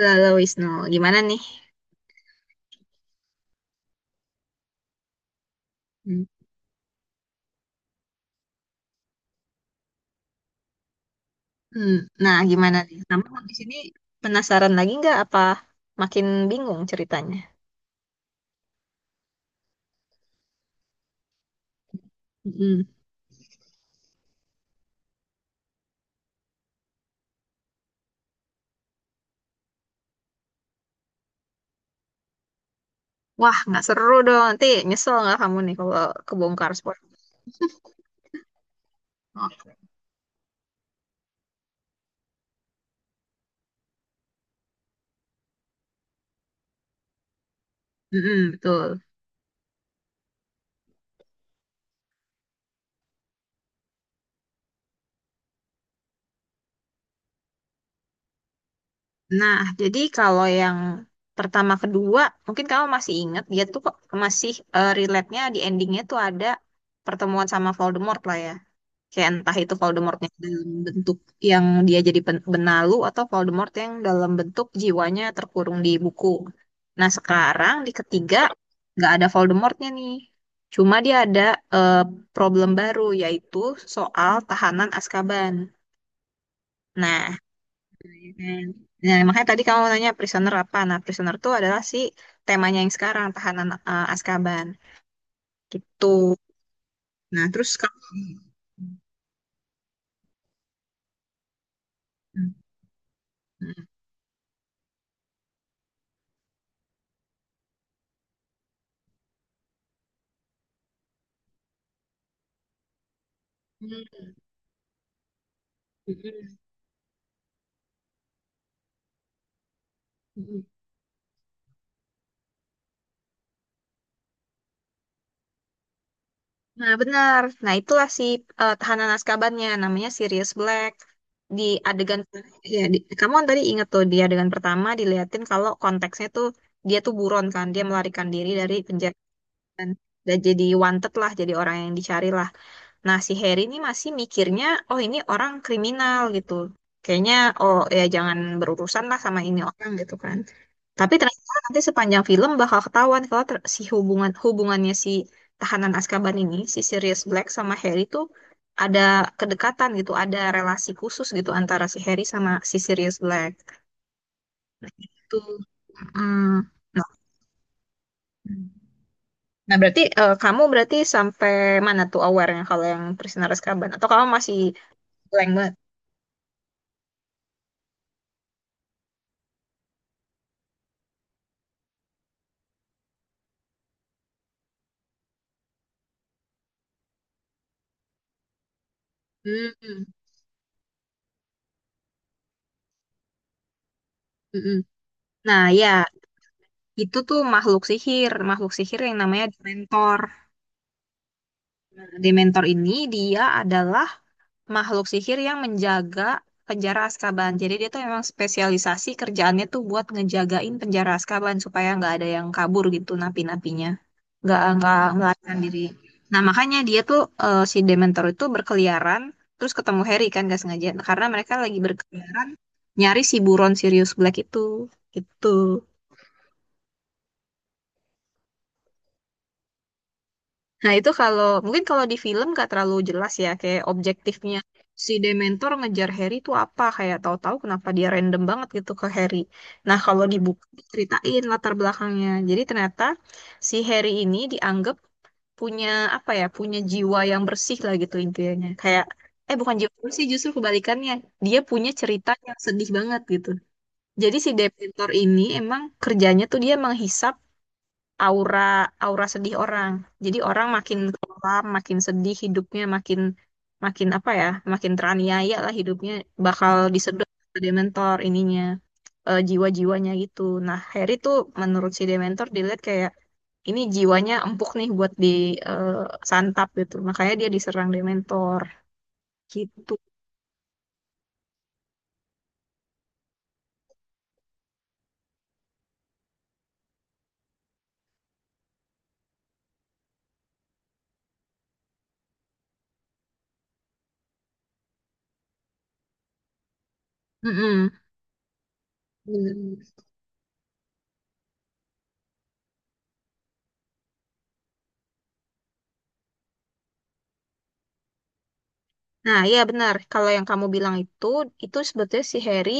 Halo Wisnu, gimana nih? Hmm. Hmm, Nah, gimana nih? Kamu habis ini penasaran lagi nggak apa makin bingung ceritanya? Mm-mm. Wah, nggak seru dong. Nanti nyesel nggak kamu nih kalau kebongkar sport? Oh. Mm-mm, betul. Nah, jadi kalau yang pertama kedua, mungkin kamu masih ingat dia tuh kok masih relate-nya di endingnya tuh ada pertemuan sama Voldemort lah ya. Kayak entah itu Voldemortnya dalam bentuk yang dia jadi benalu atau Voldemort yang dalam bentuk jiwanya terkurung di buku. Nah, sekarang di ketiga nggak ada Voldemortnya nih. Cuma dia ada eh, problem baru yaitu soal tahanan Azkaban. Nah, ya kan? Nah makanya tadi kamu nanya prisoner apa? Nah, prisoner itu adalah si temanya yang sekarang tahanan Azkaban gitu. Nah, terus kamu Hmm. Hmm. Hmm. Hmm. Hmm. Nah, benar. Nah, itulah si tahanan Azkabannya, namanya Sirius Black. Di adegan, ya di, kamu kan tadi inget tuh di adegan pertama diliatin kalau konteksnya tuh dia tuh buron kan, dia melarikan diri dari penjara kan. Dan jadi wanted lah, jadi orang yang dicari lah. Nah, si Harry ini masih mikirnya, oh ini orang kriminal gitu. Kayaknya, oh ya jangan berurusan lah sama ini orang gitu kan. Tapi ternyata nanti sepanjang film bakal ketahuan kalau ter- si hubungan hubungannya si tahanan Azkaban ini, si Sirius Black sama Harry tuh ada kedekatan gitu, ada relasi khusus gitu antara si Harry sama si Sirius Black. Itu, nah, nah berarti kamu berarti sampai mana tuh awarenya kalau yang Prisoner Azkaban? Atau kamu masih blank banget? Hmm, mm-mm. Nah ya, itu tuh makhluk sihir yang namanya Dementor. Nah, Dementor ini dia adalah makhluk sihir yang menjaga penjara Azkaban. Jadi dia tuh memang spesialisasi kerjaannya tuh buat ngejagain penjara Azkaban supaya nggak ada yang kabur gitu napi-napinya. Nggak melarikan diri. Nah makanya dia tuh si Dementor itu berkeliaran terus ketemu Harry kan gak sengaja karena mereka lagi berkeliaran nyari si buron Sirius Black itu gitu. Nah, itu kalau mungkin kalau di film gak terlalu jelas ya kayak objektifnya si Dementor ngejar Harry itu apa kayak tahu-tahu kenapa dia random banget gitu ke Harry. Nah, kalau di buku ceritain latar belakangnya. Jadi ternyata si Harry ini dianggap punya apa ya, punya jiwa yang bersih lah gitu intinya. Kayak bukan jiwa bersih justru kebalikannya. Dia punya cerita yang sedih banget gitu. Jadi si Dementor ini emang kerjanya tuh dia menghisap aura aura sedih orang. Jadi orang makin kelam, makin sedih hidupnya, makin makin apa ya, makin teraniaya lah hidupnya bakal disedot ke Dementor ininya jiwa-jiwanya gitu. Nah, Harry tuh menurut si Dementor dilihat kayak ini jiwanya empuk nih buat disantap gitu. Makanya dia diserang Dementor gitu. Mm-mm. Nah, iya benar. Kalau yang kamu bilang itu sebetulnya si Harry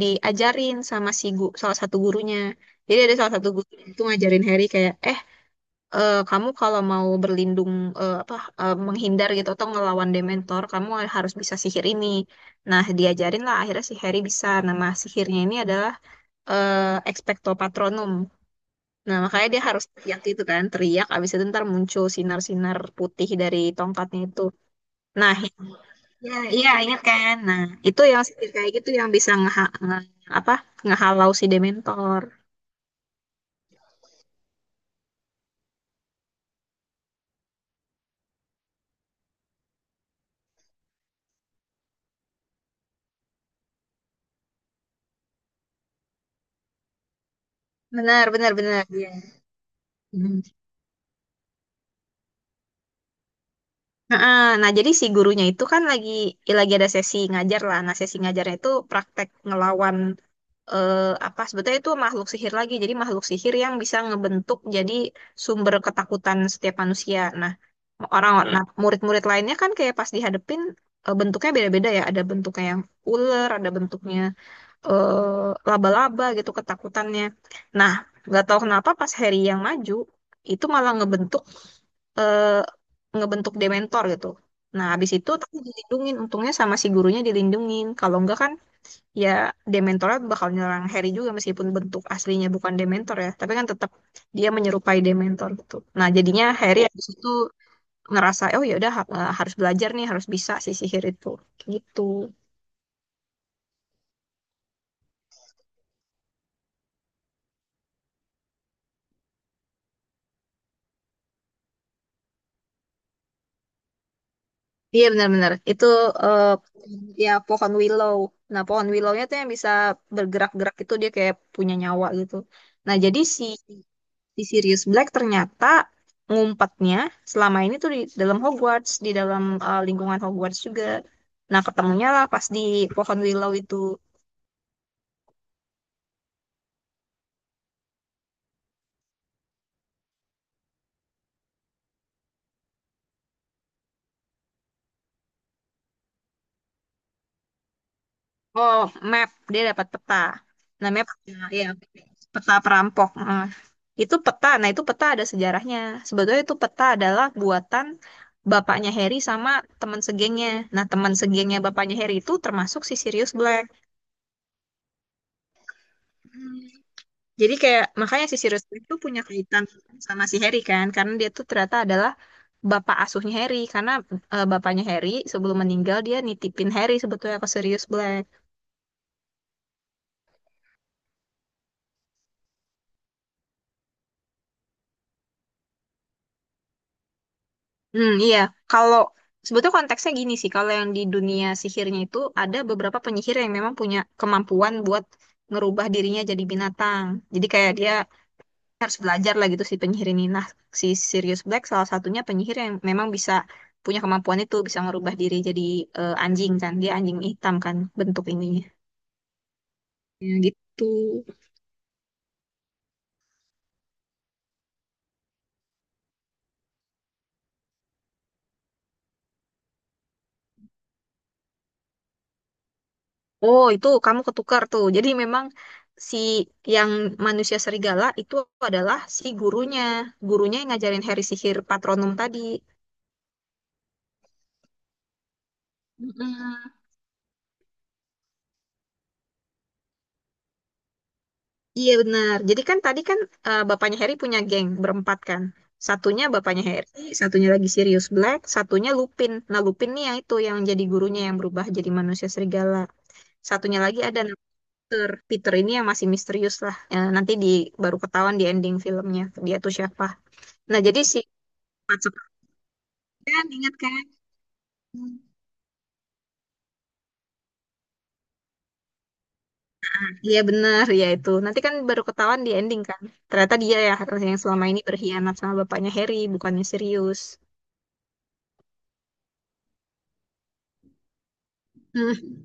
diajarin sama salah satu gurunya. Jadi ada salah satu guru itu ngajarin Harry kayak, kamu kalau mau berlindung eh, apa menghindar gitu atau ngelawan Dementor, kamu harus bisa sihir ini. Nah, diajarin lah akhirnya si Harry bisa. Nama sihirnya ini adalah Expecto Patronum. Nah, makanya dia harus teriak gitu kan, teriak, abis itu ntar muncul sinar-sinar putih dari tongkatnya itu. Nah, ya, iya ingat kan. Nah, itu yang sihir kayak gitu yang bisa ngeha nge- apa ngehalau si Dementor. Benar, benar, benar. Iya. Hmm. Nah, nah, jadi si gurunya itu kan lagi ya lagi ada sesi ngajar lah. Nah, sesi ngajarnya itu praktek ngelawan eh, apa sebetulnya itu makhluk sihir lagi. Jadi makhluk sihir yang bisa ngebentuk jadi sumber ketakutan setiap manusia. Nah, orang Hmm. Nah, murid-murid lainnya kan kayak pas dihadepin bentuknya beda-beda ya. Ada bentuknya yang ular, ada bentuknya laba-laba gitu ketakutannya. Nah, nggak tahu kenapa pas Harry yang maju itu malah ngebentuk eh, ngebentuk Dementor gitu. Nah, habis itu tapi dilindungin, untungnya sama si gurunya dilindungin. Kalau enggak kan ya Dementornya bakal nyerang Harry juga meskipun bentuk aslinya bukan Dementor ya, tapi kan tetap dia menyerupai Dementor gitu. Nah, jadinya Harry habis itu ngerasa oh ya udah harus belajar nih, harus bisa si sihir itu. Gitu. Iya benar-benar itu eh, ya pohon willow. Nah pohon willownya tuh yang bisa bergerak-gerak itu dia kayak punya nyawa gitu. Nah jadi si si Sirius Black ternyata ngumpetnya selama ini tuh di dalam Hogwarts, di dalam lingkungan Hogwarts juga. Nah ketemunya lah pas di pohon willow itu. Oh, map. Dia dapat peta. Namanya map, ya, peta perampok. Nah, itu peta. Nah, itu peta ada sejarahnya. Sebetulnya itu peta adalah buatan bapaknya Harry sama teman segengnya. Nah, teman segengnya bapaknya Harry itu termasuk si Sirius Black. Hmm. Jadi kayak makanya si Sirius Black itu punya kaitan sama si Harry kan, karena dia tuh ternyata adalah bapak asuhnya Harry. Karena bapaknya Harry sebelum meninggal dia nitipin Harry sebetulnya ke Sirius Black. Hmm, iya. Kalau sebetulnya konteksnya gini sih, kalau yang di dunia sihirnya itu ada beberapa penyihir yang memang punya kemampuan buat ngerubah dirinya jadi binatang. Jadi kayak dia harus belajar lah gitu si penyihir ini. Nah, si Sirius Black salah satunya penyihir yang memang bisa punya kemampuan itu, bisa ngerubah diri jadi anjing kan. Dia anjing hitam kan bentuk ininya. Ya, gitu. Oh, itu kamu ketukar tuh. Jadi memang si yang manusia serigala itu adalah si gurunya. Gurunya yang ngajarin Harry sihir patronum tadi. Mm-mm. Iya benar. Jadi kan tadi kan, bapaknya Harry punya geng berempat kan. Satunya bapaknya Harry, satunya lagi Sirius Black, satunya Lupin. Nah Lupin nih yang itu yang jadi gurunya yang berubah jadi manusia serigala. Satunya lagi ada Peter. Peter ini yang masih misterius lah. Nanti di baru ketahuan di ending filmnya dia tuh siapa. Nah jadi si empat. Kan ingat kan? Iya benar, ya itu. Nanti kan baru ketahuan di ending kan. Ternyata dia ya yang selama ini berkhianat sama bapaknya Harry, bukannya serius. Hmm.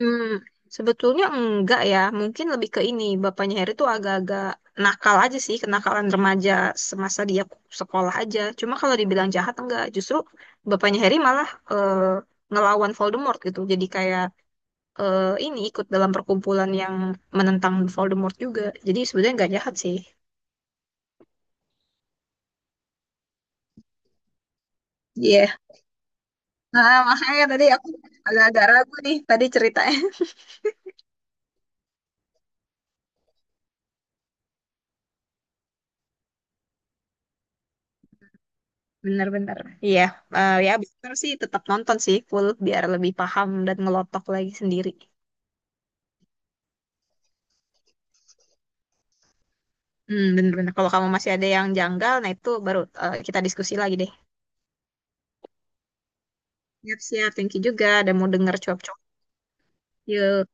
Hmm. Sebetulnya enggak ya, mungkin lebih ke ini. Bapaknya Harry tuh agak-agak nakal aja sih, kenakalan remaja semasa dia sekolah aja. Cuma kalau dibilang jahat enggak, justru bapaknya Harry malah eh, ngelawan Voldemort gitu. Jadi kayak ini ikut dalam perkumpulan yang menentang Voldemort juga. Jadi sebenarnya enggak jahat sih. Iya, nah, makanya tadi aku agak-agak ragu nih tadi ceritanya. Bener-bener. Iya, ya bener sih tetap nonton sih full biar lebih paham dan ngelotok lagi sendiri. Hmm, bener-bener. Kalau kamu masih ada yang janggal, nah itu baru kita diskusi lagi deh. Siap-siap, thank you juga. Udah mau denger cuap-cuap. Yuk.